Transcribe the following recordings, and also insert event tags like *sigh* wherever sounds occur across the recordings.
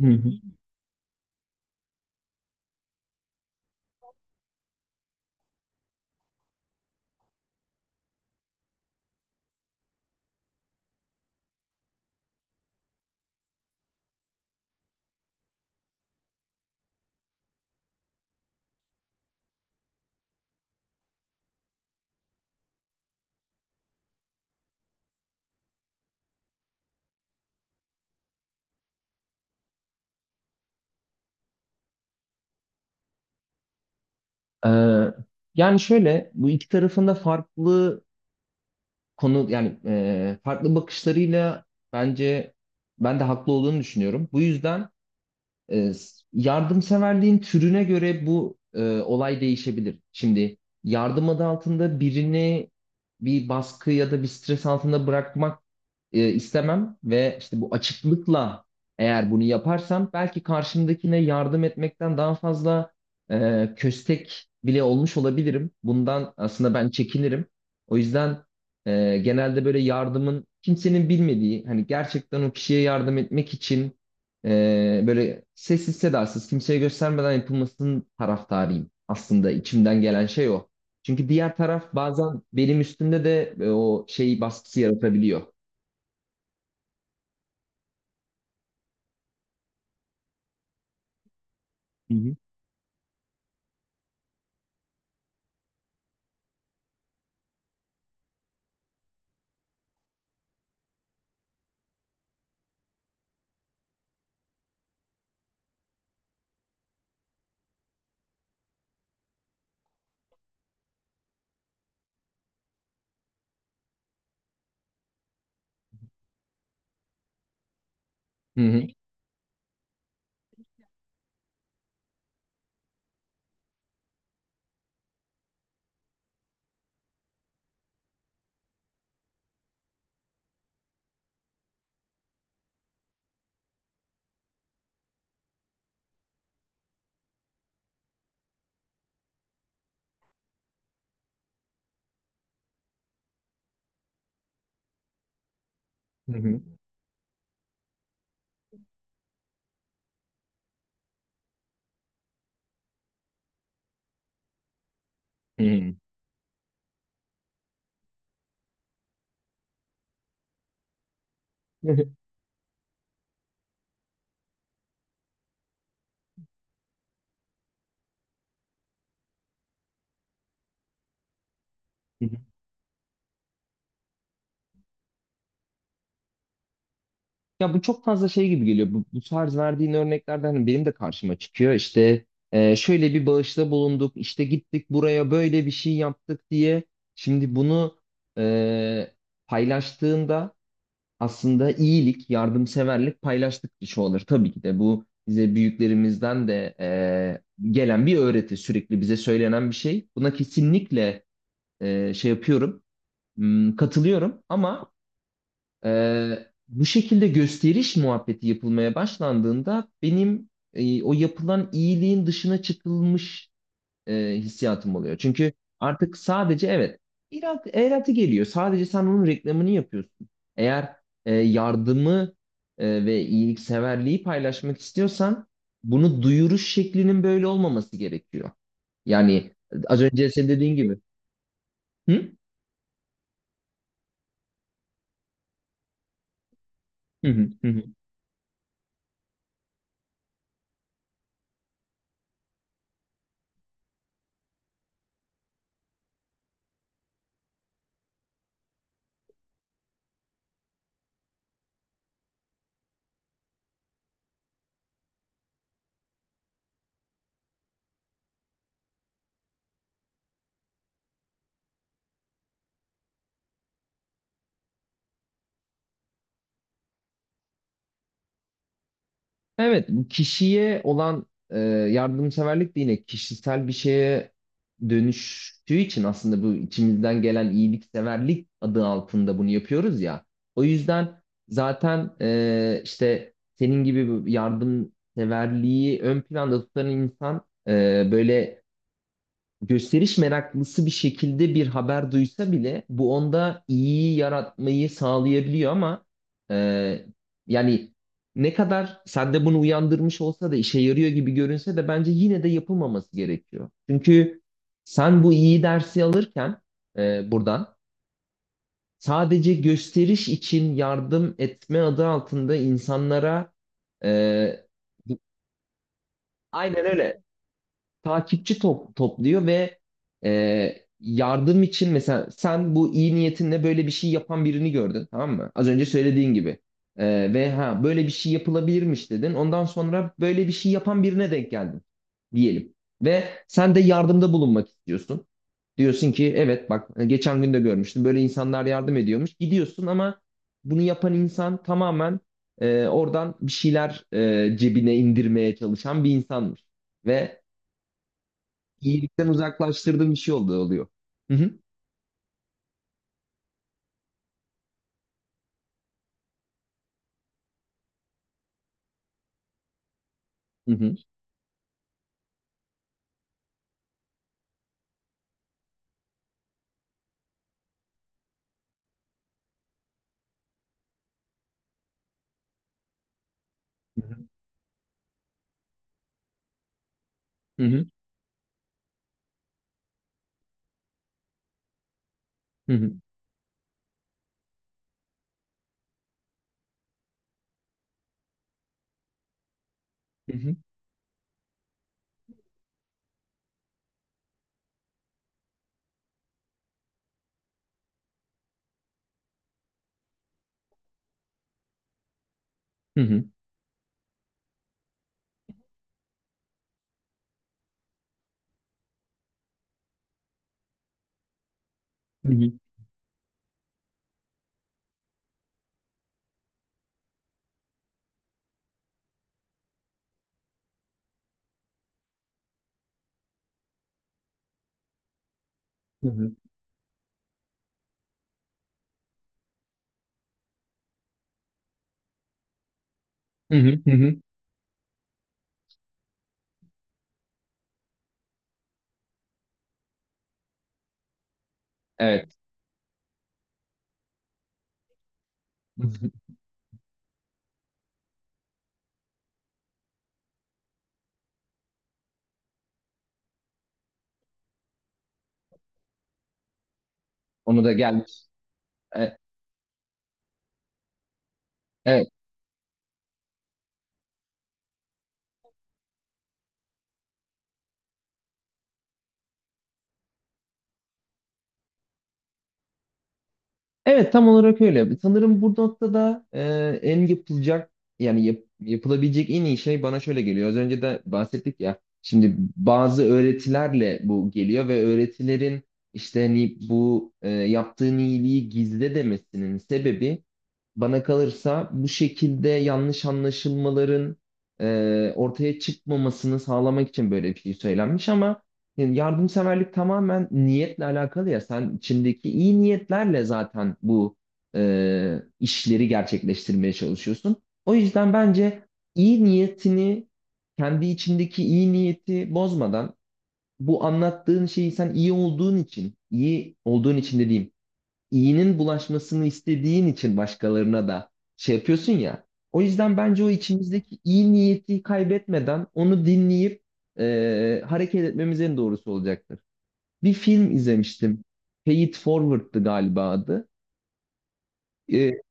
Hı hı. Ee, yani şöyle bu iki tarafında farklı konu yani farklı bakışlarıyla bence ben de haklı olduğunu düşünüyorum. Bu yüzden yardımseverliğin türüne göre bu olay değişebilir. Şimdi yardım adı altında birini bir baskı ya da bir stres altında bırakmak istemem ve işte bu açıklıkla eğer bunu yaparsam belki karşımdakine yardım etmekten daha fazla köstek bile olmuş olabilirim. Bundan aslında ben çekinirim. O yüzden genelde böyle yardımın kimsenin bilmediği hani gerçekten o kişiye yardım etmek için böyle sessiz sedasız kimseye göstermeden yapılmasının taraftarıyım. Aslında içimden gelen şey o. Çünkü diğer taraf bazen benim üstümde de o şey baskısı yaratabiliyor. Hı hı. Hı hı. Hı hı. *laughs* Hı hı. Ya bu çok fazla şey gibi geliyor. Bu tarz verdiğin örneklerden hani benim de karşıma çıkıyor. İşte şöyle bir bağışta bulunduk, işte gittik buraya böyle bir şey yaptık diye. Şimdi bunu e, paylaştığında aslında iyilik, yardımseverlik paylaştıkça olur. Tabii ki de bu bize büyüklerimizden de gelen bir öğreti, sürekli bize söylenen bir şey. Buna kesinlikle şey yapıyorum, katılıyorum ama bu şekilde gösteriş muhabbeti yapılmaya başlandığında benim o yapılan iyiliğin dışına çıkılmış hissiyatım oluyor. Çünkü artık sadece evet eratı geliyor. Sadece sen onun reklamını yapıyorsun. Eğer yardımı ve iyilikseverliği paylaşmak istiyorsan bunu duyuruş şeklinin böyle olmaması gerekiyor. Yani az önce senin dediğin gibi. Hı? Hı hı hı. Evet, bu kişiye olan yardımseverlik de yine kişisel bir şeye dönüştüğü için aslında bu içimizden gelen iyilikseverlik adı altında bunu yapıyoruz ya. O yüzden zaten işte senin gibi bu yardımseverliği ön planda tutan insan böyle gösteriş meraklısı bir şekilde bir haber duysa bile bu onda iyi yaratmayı sağlayabiliyor ama e, yani ne kadar sende bunu uyandırmış olsa da işe yarıyor gibi görünse de bence yine de yapılmaması gerekiyor. Çünkü sen bu iyi dersi alırken buradan sadece gösteriş için yardım etme adı altında insanlara e, aynen öyle takipçi topluyor ve yardım için mesela sen bu iyi niyetinle böyle bir şey yapan birini gördün, tamam mı? Az önce söylediğin gibi. E, ve ha böyle bir şey yapılabilirmiş dedin. Ondan sonra böyle bir şey yapan birine denk geldin diyelim. Ve sen de yardımda bulunmak istiyorsun. Diyorsun ki evet, bak geçen gün de görmüştüm, böyle insanlar yardım ediyormuş. Gidiyorsun ama bunu yapan insan tamamen oradan bir şeyler cebine indirmeye çalışan bir insanmış. Ve iyilikten uzaklaştırdığım bir şey oldu oluyor. Hı hı. Hı hı. Hı hı. Hı hı. Hı hı. Hı hı. Hı hı. Hı hı. Hı hı. Hı hı. Evet. Hı hı. Onu da gelmiş. E, Evet. Evet, tam olarak öyle. Sanırım bu noktada en yapılacak yani yapılabilecek en iyi şey bana şöyle geliyor. Az önce de bahsettik ya. Şimdi bazı öğretilerle bu geliyor ve öğretilerin işte hani bu yaptığın iyiliği gizle demesinin sebebi, bana kalırsa, bu şekilde yanlış anlaşılmaların ortaya çıkmamasını sağlamak için böyle bir şey söylenmiş ama yani yardımseverlik tamamen niyetle alakalı ya. Sen içindeki iyi niyetlerle zaten bu işleri gerçekleştirmeye çalışıyorsun. O yüzden bence iyi niyetini, kendi içindeki iyi niyeti bozmadan bu anlattığın şeyi sen iyi olduğun için dediğim iyinin bulaşmasını istediğin için başkalarına da şey yapıyorsun ya. O yüzden bence o içimizdeki iyi niyeti kaybetmeden onu dinleyip hareket etmemiz en doğrusu olacaktır. Bir film izlemiştim. Pay It Forward'dı galiba adı. E,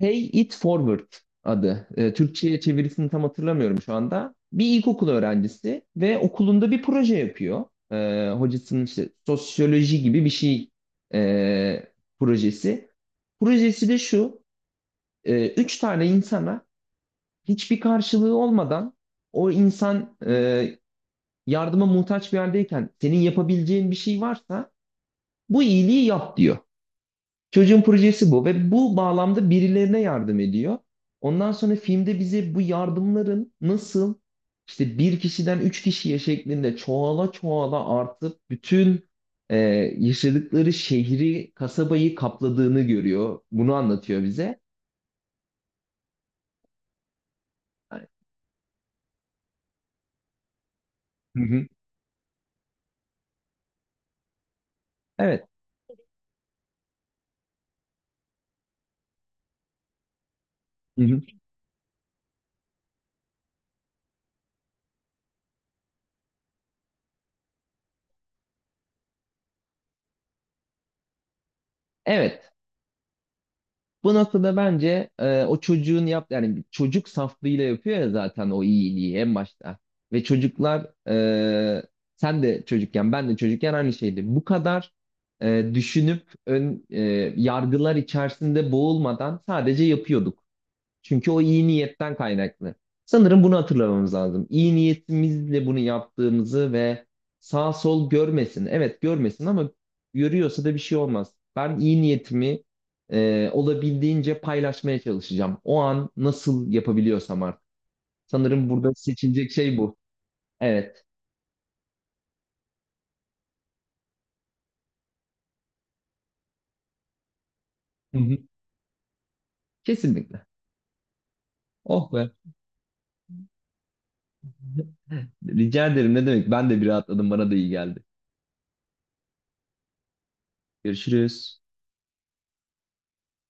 Pay It Forward adı. Türkçe'ye çevirisini tam hatırlamıyorum şu anda. Bir ilkokul öğrencisi ve okulunda bir proje yapıyor. Hocasının işte sosyoloji gibi bir şey e, projesi. Projesi de şu: üç tane insana hiçbir karşılığı olmadan, o insan yardıma muhtaç bir yerdeyken senin yapabileceğin bir şey varsa bu iyiliği yap diyor. Çocuğun projesi bu ve bu bağlamda birilerine yardım ediyor. Ondan sonra filmde bize bu yardımların nasıl, işte bir kişiden üç kişiye şeklinde çoğala çoğala artıp bütün e, yaşadıkları şehri, kasabayı kapladığını görüyor. Bunu anlatıyor bize. Hı hı. Evet. Hı hı. Evet. Bu noktada bence o çocuğun yani bir çocuk saflığıyla yapıyor ya zaten o iyiliği en başta. Ve çocuklar sen de çocukken ben de çocukken aynı şeydi. Bu kadar düşünüp ön yargılar içerisinde boğulmadan sadece yapıyorduk. Çünkü o iyi niyetten kaynaklı. Sanırım bunu hatırlamamız lazım. İyi niyetimizle bunu yaptığımızı ve sağ sol görmesin. Evet, görmesin ama görüyorsa da bir şey olmaz. Ben iyi niyetimi olabildiğince paylaşmaya çalışacağım. O an nasıl yapabiliyorsam artık. Sanırım burada seçilecek şey bu. Evet. Hı hı. Kesinlikle. Oh be. Rica ederim. Ne demek? Ben de bir rahatladım. Bana da iyi geldi. Görüşürüz.